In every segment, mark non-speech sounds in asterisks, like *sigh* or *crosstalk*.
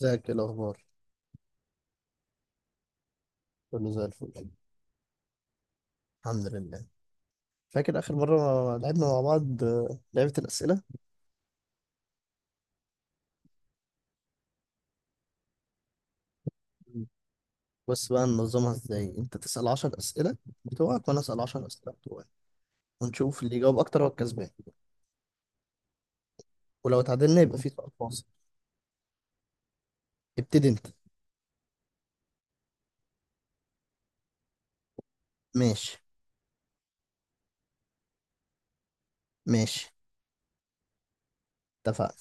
ازيك؟ ايه الاخبار؟ كله زي الفل. الحمد لله. فاكر اخر مره لعبنا مع بعض لعبه الاسئله. مم. بس بقى ننظمها ازاي؟ انت تسال 10 اسئله بتوعك وانا اسال 10 اسئله بتوعي، ونشوف اللي يجاوب اكتر هو الكسبان. ولو اتعادلنا يبقى في سؤال فاصل. ابتدي انت. ماشي. ماشي، اتفقنا.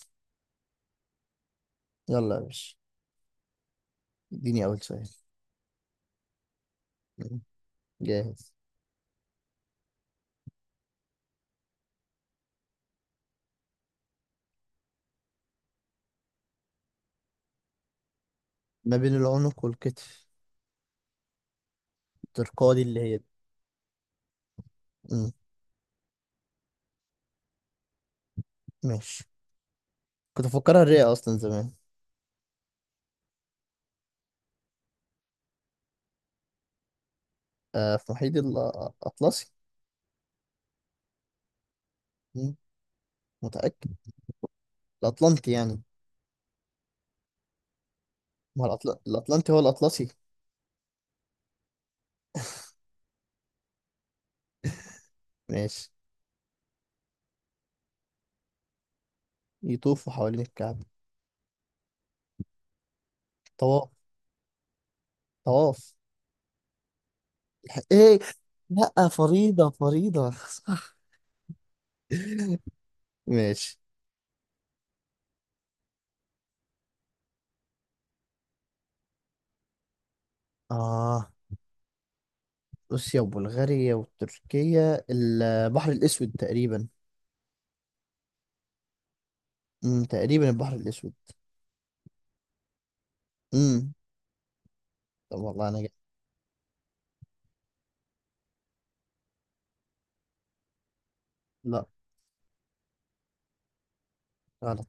يلا يا باشا، اديني اول سؤال. مم. جاهز. ما بين العنق والكتف، ترقادي اللي هي دي. مم. ماشي، كنت افكرها الرئه اصلا زمان. في محيط الاطلسي. مم. متاكد، الأطلنطي يعني. ما هو الأطلنطي هو الأطلسي. ماشي. يطوفوا حوالين الكعبة. طواف. طواف. إيه. لأ، فريضة فريضة. *laughs* ماشي. آه روسيا وبلغاريا وتركيا، البحر الأسود تقريبا. تقريبا البحر الأسود. امم. طب والله أنا جاي. لا. غلط.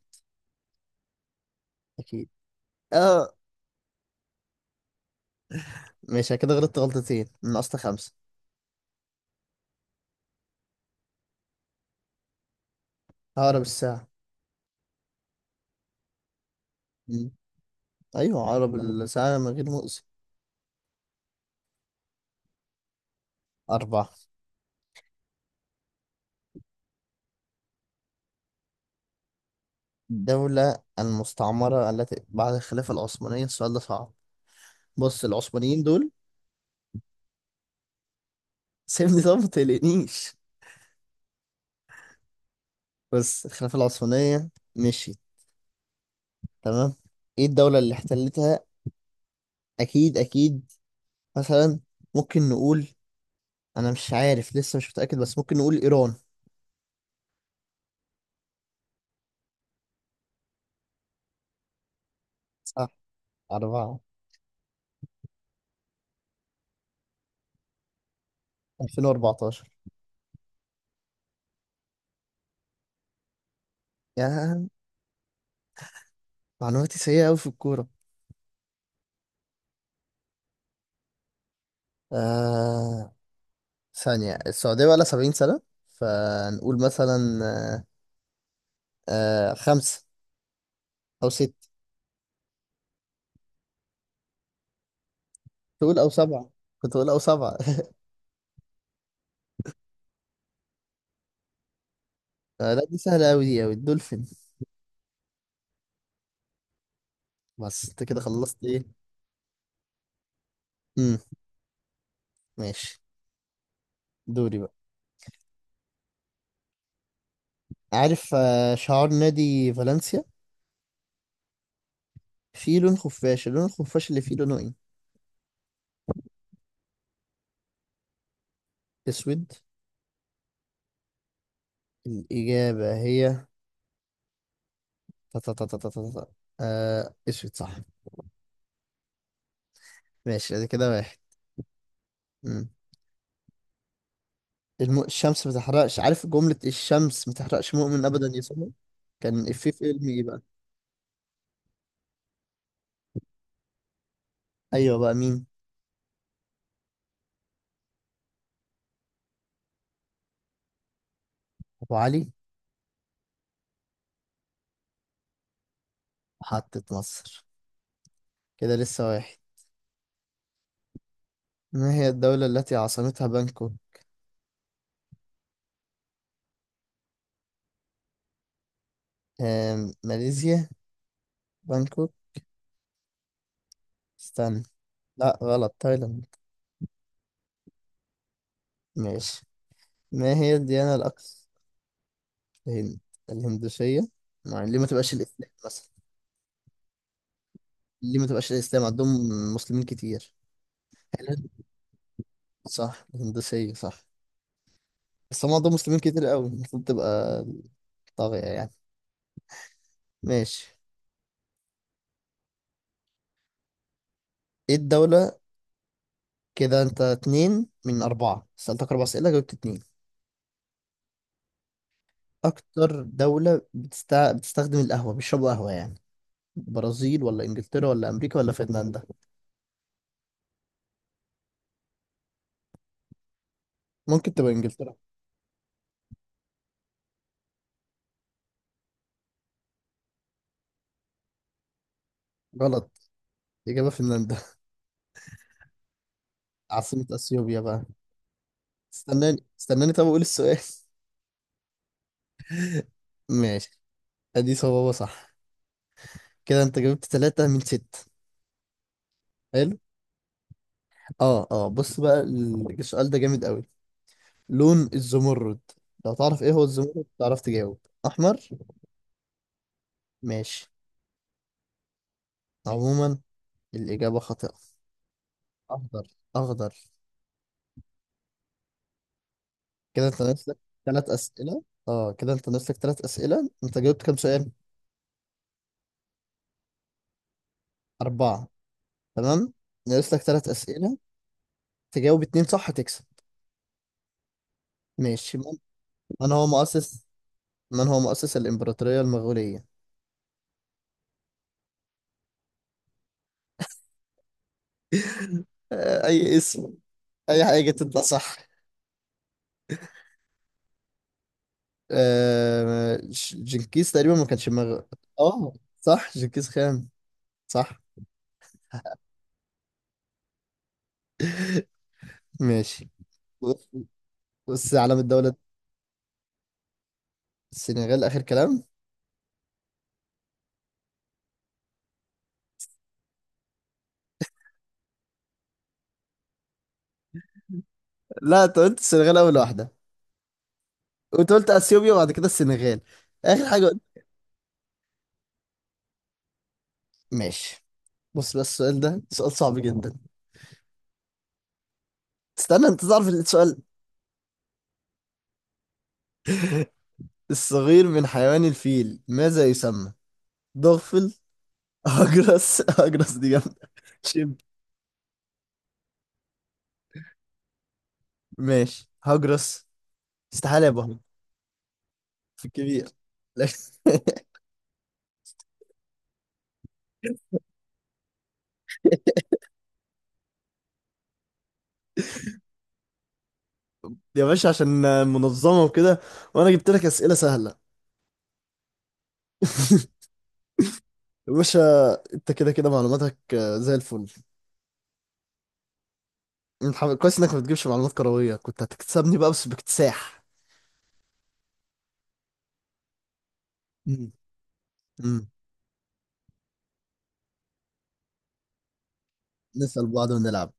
أكيد. آه. ماشي، أنا كده غلطت غلطتين من أصل خمسة. عقرب الساعة. امم. أيوه، عقرب الساعة من غير مؤذي. أربعة. الدولة المستعمرة التي بعد الخلافة العثمانية، السؤال ده صعب. بص، العثمانيين دول. *laughs* سيبني، طب ما تقلقنيش. بس الخلافة العثمانية مشيت. تمام. ايه الدولة اللي احتلتها؟ اكيد اكيد. مثلا ممكن نقول، انا مش عارف لسه مش متأكد، بس ممكن نقول ايران. صح. أربعة. 2014. يا، معلوماتي سيئة أوي في الكورة. آه ثانية، السعودية بقى لها 70 سنة، فنقول مثلا، آه خمسة أو ستة. تقول او سبعة، كنت اقول او سبعة. *laughs* لا دي سهلة اوي، دي اوي الدولفين. بس انت كده خلصت ايه؟ امم. ماشي. دوري بقى. عارف شعار نادي فالنسيا فيه لون خفاش، اللون الخفاش اللي فيه لونه ايه؟ اسود. الاجابة هي تا تا تا تا تا تا تا. آه، اسود صح. ماشي، ادي كده واحد. امم. الشمس ما تحرقش، عارف جملة الشمس ما تحرقش مؤمن ابدا يا صبحي؟ كان افيه في فيلم ايه بقى؟ ايوه، بقى مين؟ ابو علي. محطة مصر. كده لسه واحد. ما هي الدولة التي عاصمتها بانكوك؟ آم، ماليزيا. بانكوك، استنى. لا غلط، تايلاند. ماشي. ما هي الديانة الأكثر؟ الهند. الهندوسية. ما ليه ما تبقاش الإسلام مثلا؟ ليه ما تبقاش الإسلام عندهم؟ مسلمين كتير. حلو. صح، الهندوسية صح. بس هم عندهم مسلمين كتير قوي، المفروض تبقى طاغية يعني. ماشي. ايه الدولة؟ كده انت اتنين من أربعة، سألتك أربع أسئلة جاوبت اتنين. أكتر دولة بتستخدم القهوة، بيشربوا قهوة يعني، برازيل ولا انجلترا ولا امريكا ولا فنلندا؟ ممكن تبقى انجلترا. غلط، اجابه فنلندا. *laughs* عاصمه اثيوبيا بقى، استناني استناني، طب اقول السؤال. *laughs* ماشي. ادي صوابه صح. كده انت جبت ثلاثة من ستة. حلو. اه اه، بص بقى السؤال ده جامد قوي. لون الزمرد، لو تعرف ايه هو الزمرد تعرف تجاوب. احمر. ماشي. عموما الاجابه خاطئه. اخضر. اخضر. كده انت ناقص لك ثلاث اسئله. اه، كده انت ناقص لك ثلاث اسئله، انت جاوبت كام سؤال؟ اربعه. تمام. ناقص لك ثلاث أسئلة، تجاوب اتنين صح تكسب. ماشي. من، من هو مؤسس، من هو مؤسس الإمبراطورية المغولية؟ أي اسم، أي حاجة تطلع صح. جنكيز تقريبا، ما كانش اه، صح جنكيز خان، صح. *laughs* ماشي. بص، بص علم الدولة. السنغال آخر كلام. لا، أنت قلت السنغال أول واحدة، وأنت قلت أثيوبيا وبعد كده السنغال. آخر حاجة قلت. ماشي. بص، بس السؤال ده سؤال صعب جدا. استنى، انت تعرف السؤال؟ الصغير من حيوان الفيل ماذا يسمى؟ ضغفل. هجرس. *laughs* هجرس دي جامدة. شب. ماشي، هجرس. استحالة يبقى هجرس. في الكبير؟ لا. *laughs* يا باشا، عشان منظمة وكده، وأنا جبت لك أسئلة سهلة. *laughs* يا باشا، أنت كده كده معلوماتك زي الفل. أنت كويس إنك ما بتجيبش معلومات كروية، كنت هتكسبني بقى بس باكتساح. مم. مم. نسأل بعض ونلعب.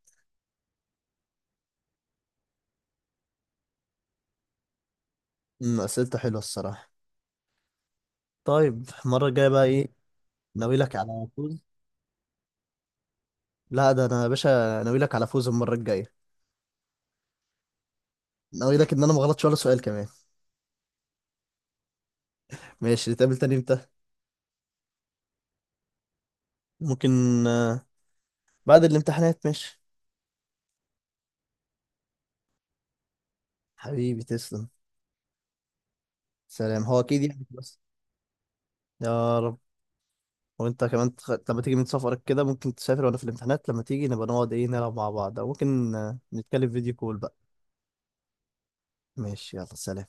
مم، أسئلته حلوة الصراحة. طيب المرة الجاية بقى إيه؟ ناوي لك على فوز. لا ده انا يا باشا، ناوي لك على فوز المره الجايه. ناوي لك ان انا ما غلطش ولا سؤال كمان. ماشي. نتقابل تاني امتى؟ ممكن آه، بعد الامتحانات، ماشي. حبيبي تسلم. سلام، هو اكيد يعني بس. يا رب. وانت كمان لما تيجي من سفرك كده، ممكن تسافر وانا في الامتحانات، لما تيجي نبقى نقعد ايه، نلعب مع بعض او ممكن نتكلم فيديو كول بقى. ماشي. يلا سلام.